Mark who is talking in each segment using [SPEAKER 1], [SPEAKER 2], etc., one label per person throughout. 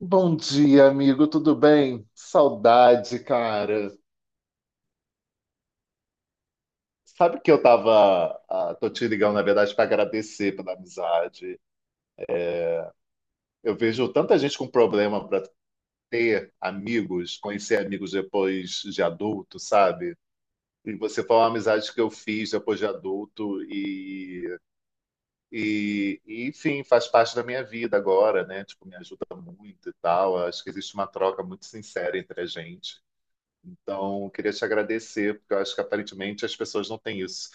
[SPEAKER 1] Bom dia, amigo, tudo bem? Saudade, cara. Sabe que eu tava. Ah, Tô te ligando, na verdade, para agradecer pela amizade. Eu vejo tanta gente com problema para ter amigos, conhecer amigos depois de adulto, sabe? E você foi uma amizade que eu fiz depois de adulto e enfim, faz parte da minha vida agora, né? Tipo, me ajuda muito e tal. Acho que existe uma troca muito sincera entre a gente. Então, eu queria te agradecer, porque eu acho que aparentemente as pessoas não têm isso.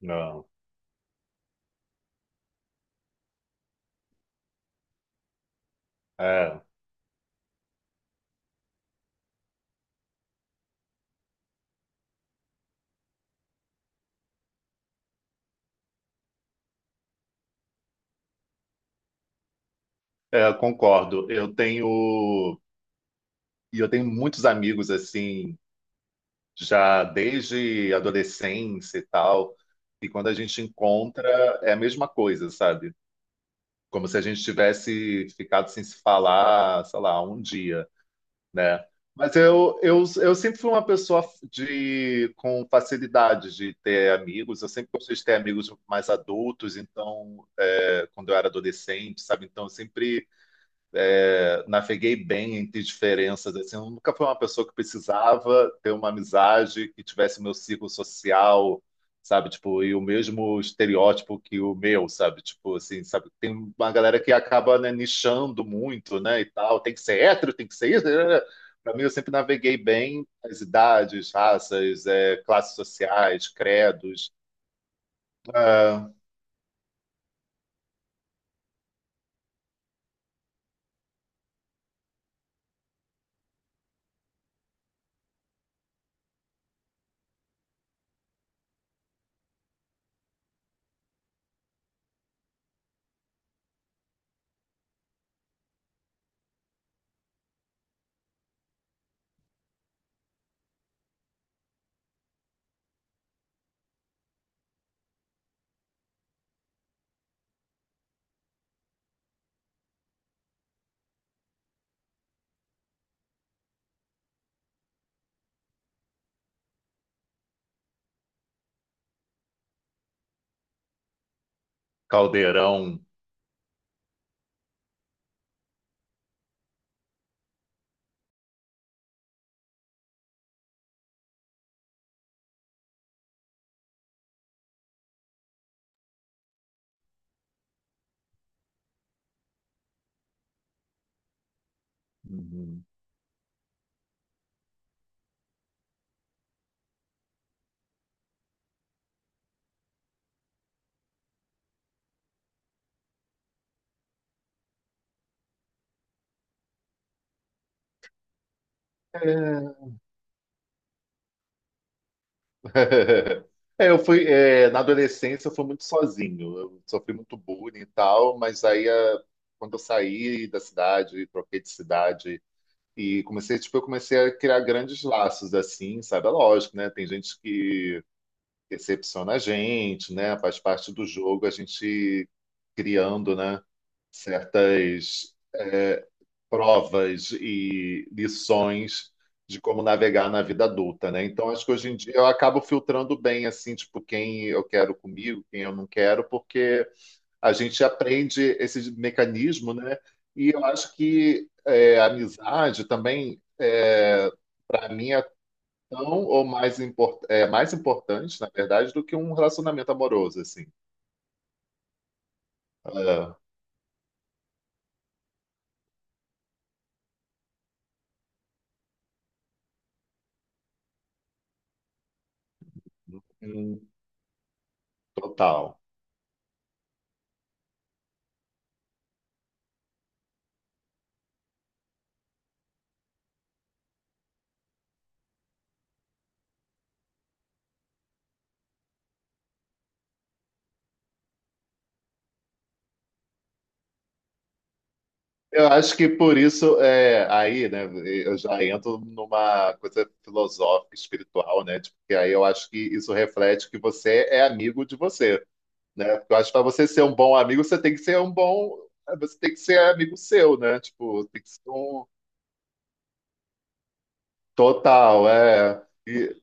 [SPEAKER 1] Não. É. É, concordo. Eu tenho e eu tenho muitos amigos assim, já desde adolescência e tal, e quando a gente encontra é a mesma coisa, sabe? Como se a gente tivesse ficado sem se falar, sei lá, um dia, né? Mas eu sempre fui uma pessoa de com facilidade de ter amigos. Eu sempre gostei de ter amigos mais adultos, então quando eu era adolescente, sabe? Então eu sempre naveguei bem entre diferenças, assim, eu nunca fui uma pessoa que precisava ter uma amizade que tivesse o meu círculo social, sabe? Tipo, e o mesmo estereótipo que o meu, sabe? Tipo, assim, sabe? Tem uma galera que acaba, né, nichando muito, né, e tal, tem que ser hétero, tem que ser isso. Para mim, eu sempre naveguei bem as idades, raças, classes sociais, credos, ah, caldeirão. Uhum. É, eu fui, é, na adolescência eu fui muito sozinho, eu sofri muito bullying e tal, mas quando eu saí da cidade, troquei de cidade e comecei, tipo, eu comecei a criar grandes laços assim, sabe? É lógico, né? Tem gente que decepciona a gente, né? Faz parte do jogo a gente criando, né? Certas é, provas e lições de como navegar na vida adulta, né? Então, acho que hoje em dia eu acabo filtrando bem, assim, tipo, quem eu quero comigo, quem eu não quero, porque a gente aprende esse mecanismo, né? E eu acho que é, a amizade também, é, para mim, é tão ou mais importante, na verdade, do que um relacionamento amoroso, assim. É, hum, total. Eu acho que por isso, é, aí, né, eu já entro numa coisa filosófica, espiritual, né, tipo, que aí eu acho que isso reflete que você é amigo de você, né, porque eu acho que para você ser um bom amigo, você tem que ser um bom, você tem que ser amigo seu, né, tipo, tem que ser um total, é,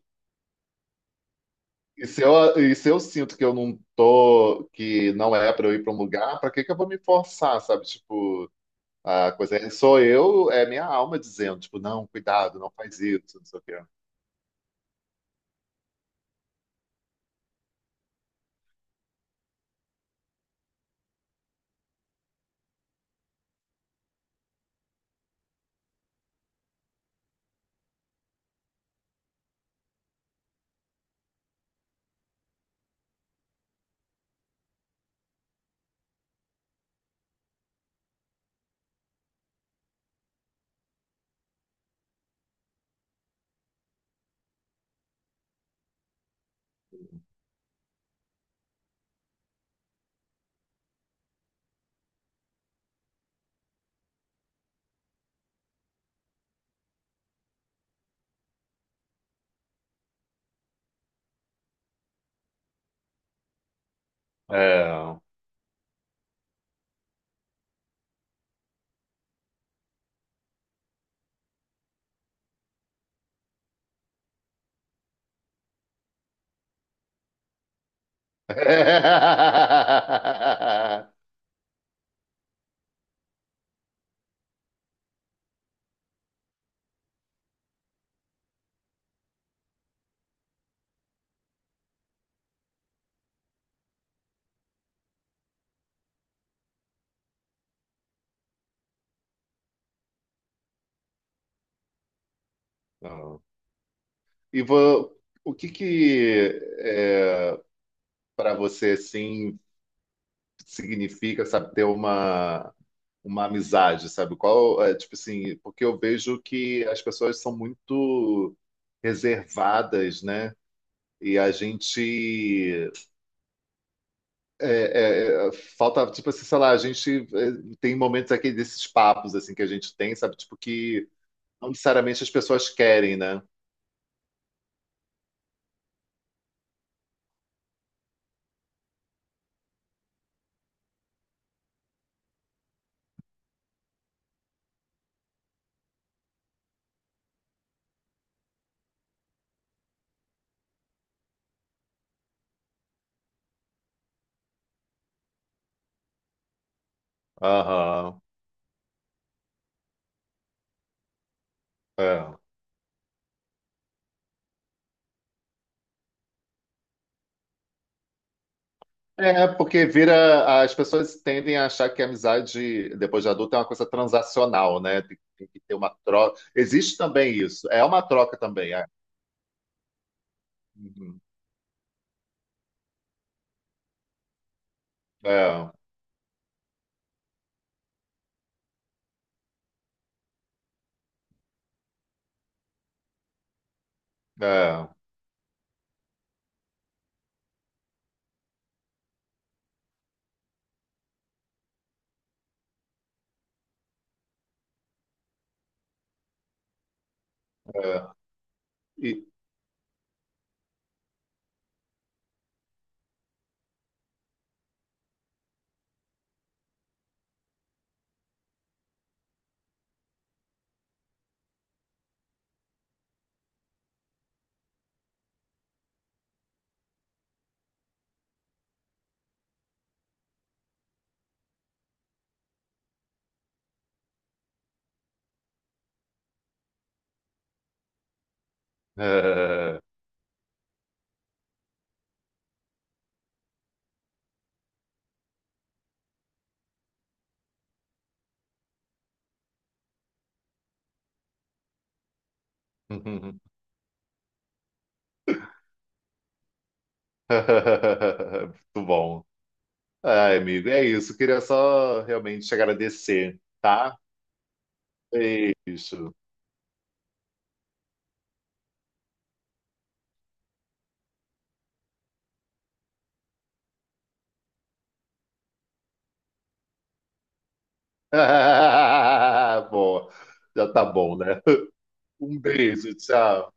[SPEAKER 1] e se eu sinto que eu não tô, que não é para eu ir para um lugar, para que que eu vou me forçar, sabe, tipo, a coisa é, sou eu, é minha alma dizendo, tipo, não, cuidado, não faz isso, não sei o quê. É. Não. E vo- o que que para você assim significa, sabe, ter uma amizade, sabe? Qual é, tipo assim, porque eu vejo que as pessoas são muito reservadas, né? E a gente É, é, é, falta, tipo assim, sei lá, a gente é, tem momentos aqui desses papos, assim, que a gente tem, sabe? Tipo, que não necessariamente as pessoas querem, né? Aham, é. É, porque vira, as pessoas tendem a achar que a amizade, depois de adulta, é uma coisa transacional, né? Tem que ter uma troca. Existe também isso, é uma troca também, é. Uhum. É, é, é. E- é. Muito bom. Ai, amigo, é isso. Queria só realmente te agradecer, tá? Beijo. Boa, já tá bom, né? Um beijo, tchau.